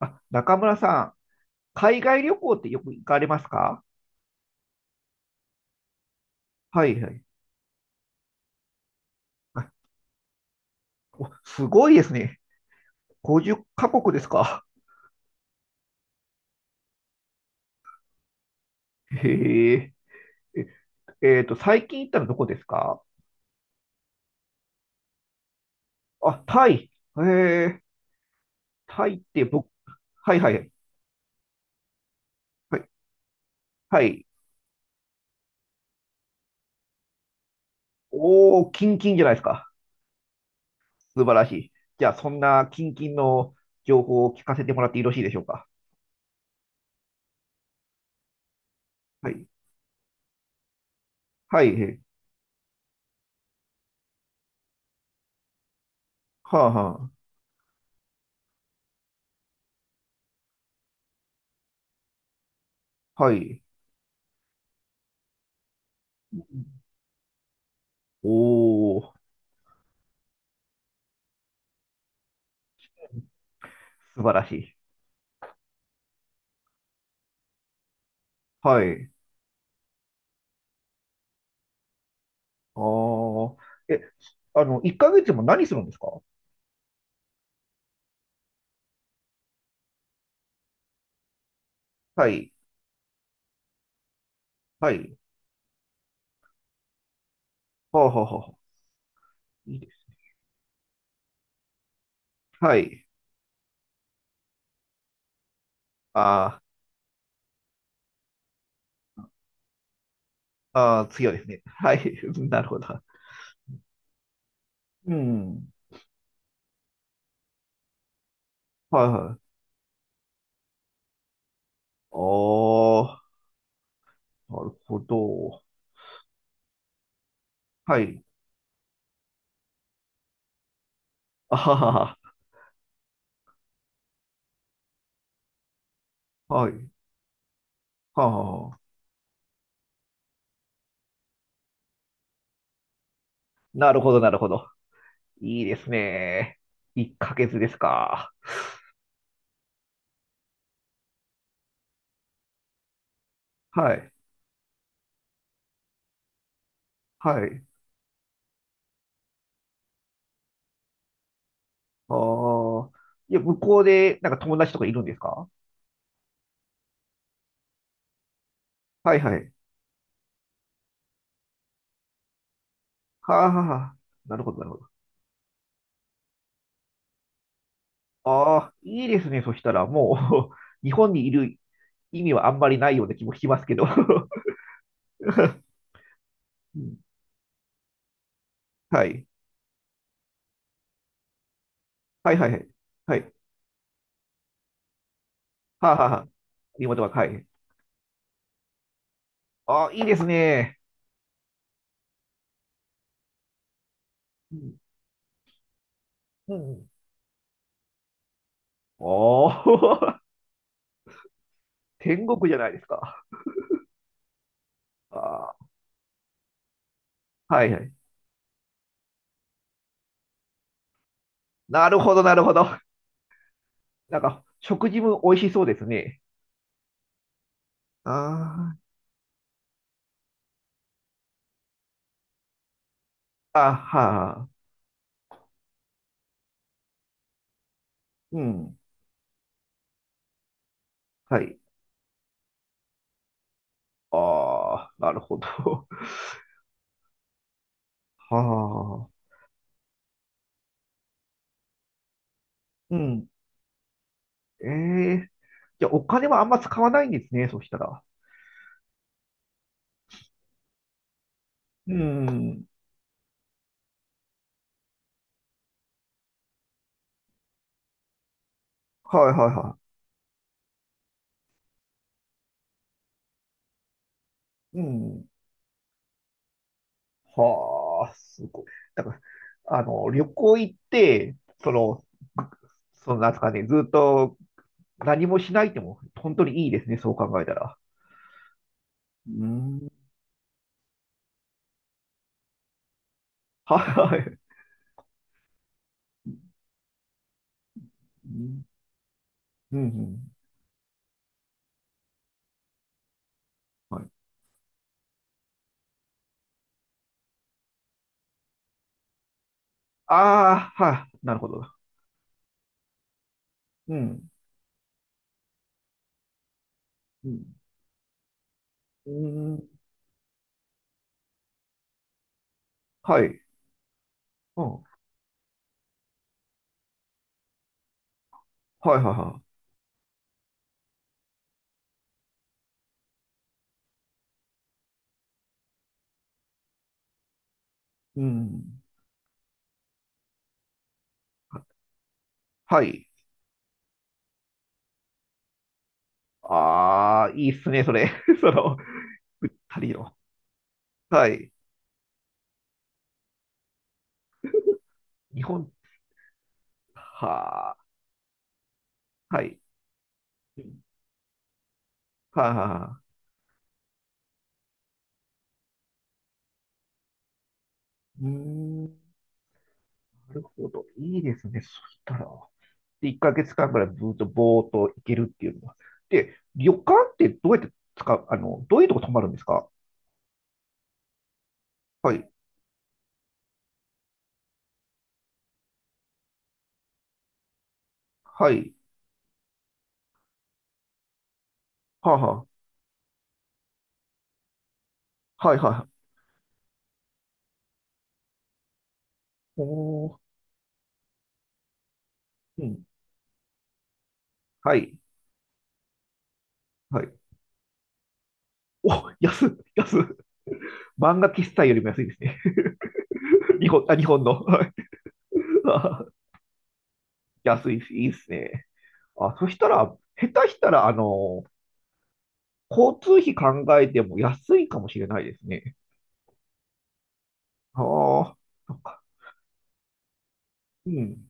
あ、中村さん、海外旅行ってよく行かれますか？はいはい。お、すごいですね。50カ国ですか？へえ。え、えーと、最近行ったのどこですか？あ、タイ。へえ。タイって僕、はいはい。はい。はい。おー、キンキンじゃないですか。素晴らしい。じゃあ、そんなキンキンの情報を聞かせてもらってよろしいでしょうか。はい。はい。はあはあ。はい。おー、素晴らしい。はい。ああ、え、あの、1ヶ月も何するんですか？はい、はい。はあ、はあ、はあ。いいです。はい。ああ、ああ、強いですね。はい、なるほど。うん。はい、はい。ああ、なるほど。はい。あははは、はい。はあはあ、なるほど、なるほど。いいですね。1ヶ月ですか？はい、はい。ああ、いや、向こうで、なんか友達とかいるんですか？はい、はい。はあ、はあはあ、なるほど、なるほど。ああ、いいですね。そしたら、もう 日本にいる意味はあんまりないような気もしますけど。 うん。はい。はいはいはい。はい。はあ、はあはあ、リモートワーク。はい。ああ、いいですね。うん。うんうん。おー 天国じゃないですか。ああ、はいはい。なるほど、なるほど。なんか、食事も美味しそうですね。ああ、あ、はあ、うん。はい。ああ、なるほど。はあ。うん。ええじゃあ、お金はあんま使わないんですね、そしたら。うん。はいはいはい。うん。はあ、すごい。だから、旅行行って、その、なんですかね、ずっと何もしないっても、本当にいいですね、そう考えたら。うん。はいはい。うん。うん。はい。ああ、はい、なるほど。うん。うん。うん。はい。うん。はいはいはい。うん。はい。ああ、いいっすね、それ。その、足りる。はい。日本、はあ、はい。はあ、はあ、うーん、なるほど。いいですね。そしたら、で1ヶ月間ぐらいずっとぼーっと行けるっていうのは。で、旅館ってどうやって使う、どういうとこ泊まるんですか？はい、はい、はあ、はあ、はい、はい。おー、うん、はい、はい。お、安い、安っ。漫画喫茶よりも安いですね。日本、あ、日本の。はい。あ 安いです、いいですね。あ、そしたら、下手したら、交通費考えても安いかもしれないですね。ああ、そっか。うん。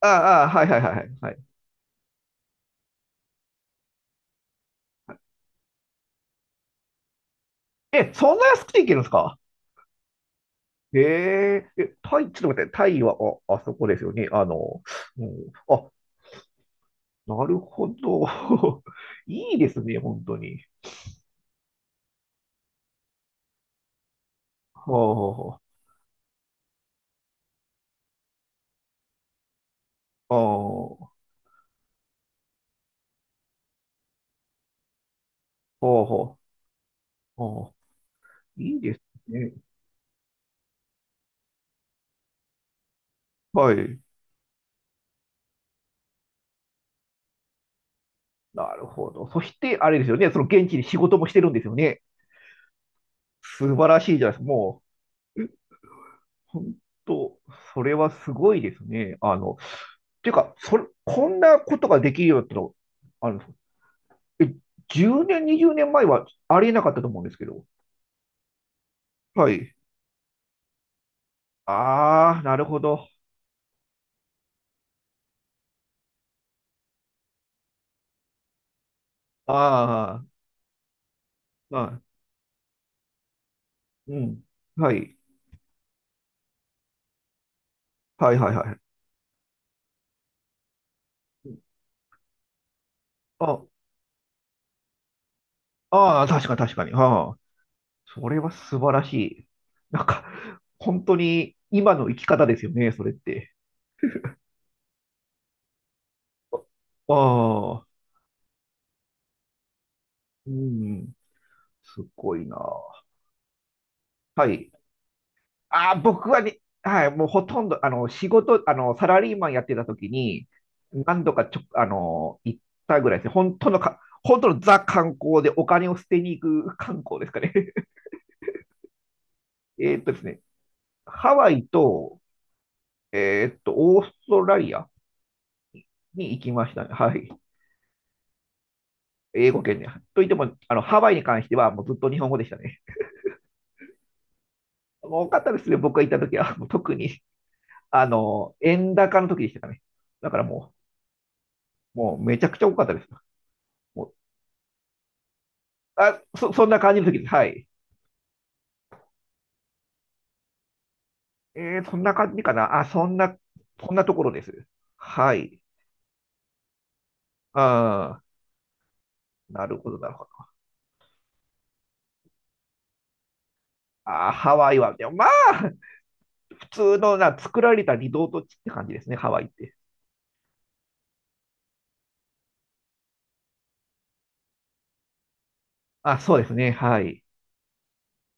ああ、ああはいはいはいはいはい。え、そんな安くていけるんですか？へえ、え、タイ、ちょっと待って、タイは、あ、あそこですよね。うん、あ、なるほど。いいですね、本当に。はあ、はあ、はあ、はあ、あ。いいですね。はい。なるほど。そして、あれですよね、その現地で仕事もしてるんですよね。素晴らしいじゃないですか。もう本当、それはすごいですね。っていうか、それ、こんなことができるようになったの、あの、え、10年、20年前はありえなかったと思うんですけど。はい。ああ、なるほど。ああ、はい。うん。はい。はいはいはい。あ、ああ、確かに確かに。ああ、それは素晴らしい。なんか、本当に今の生き方ですよね、それって。ああ、うん、すごいな。はい。あー、僕はね、はい、もうほとんど、仕事、サラリーマンやってた時に、何度かちょ、あの、行ったぐらいですね。本当のザ観光でお金を捨てに行く観光ですかね。ですね、ハワイと、オーストラリアに行きましたね。はい。英語圏で。といっても、ハワイに関してはもうずっと日本語でしたね。多かったですね、僕が行った時は。もう特に、円高の時でしたかね。だからもうめちゃくちゃ多かったです。もうあ、そんな感じの時です。はい。そんな感じかな。あ、そんなところです。はい。あー、なるほど、なるほど。あー、ハワイは、でもまあ、普通のな、作られたリゾート地って感じですね、ハワイって。あ、そうですね。はい。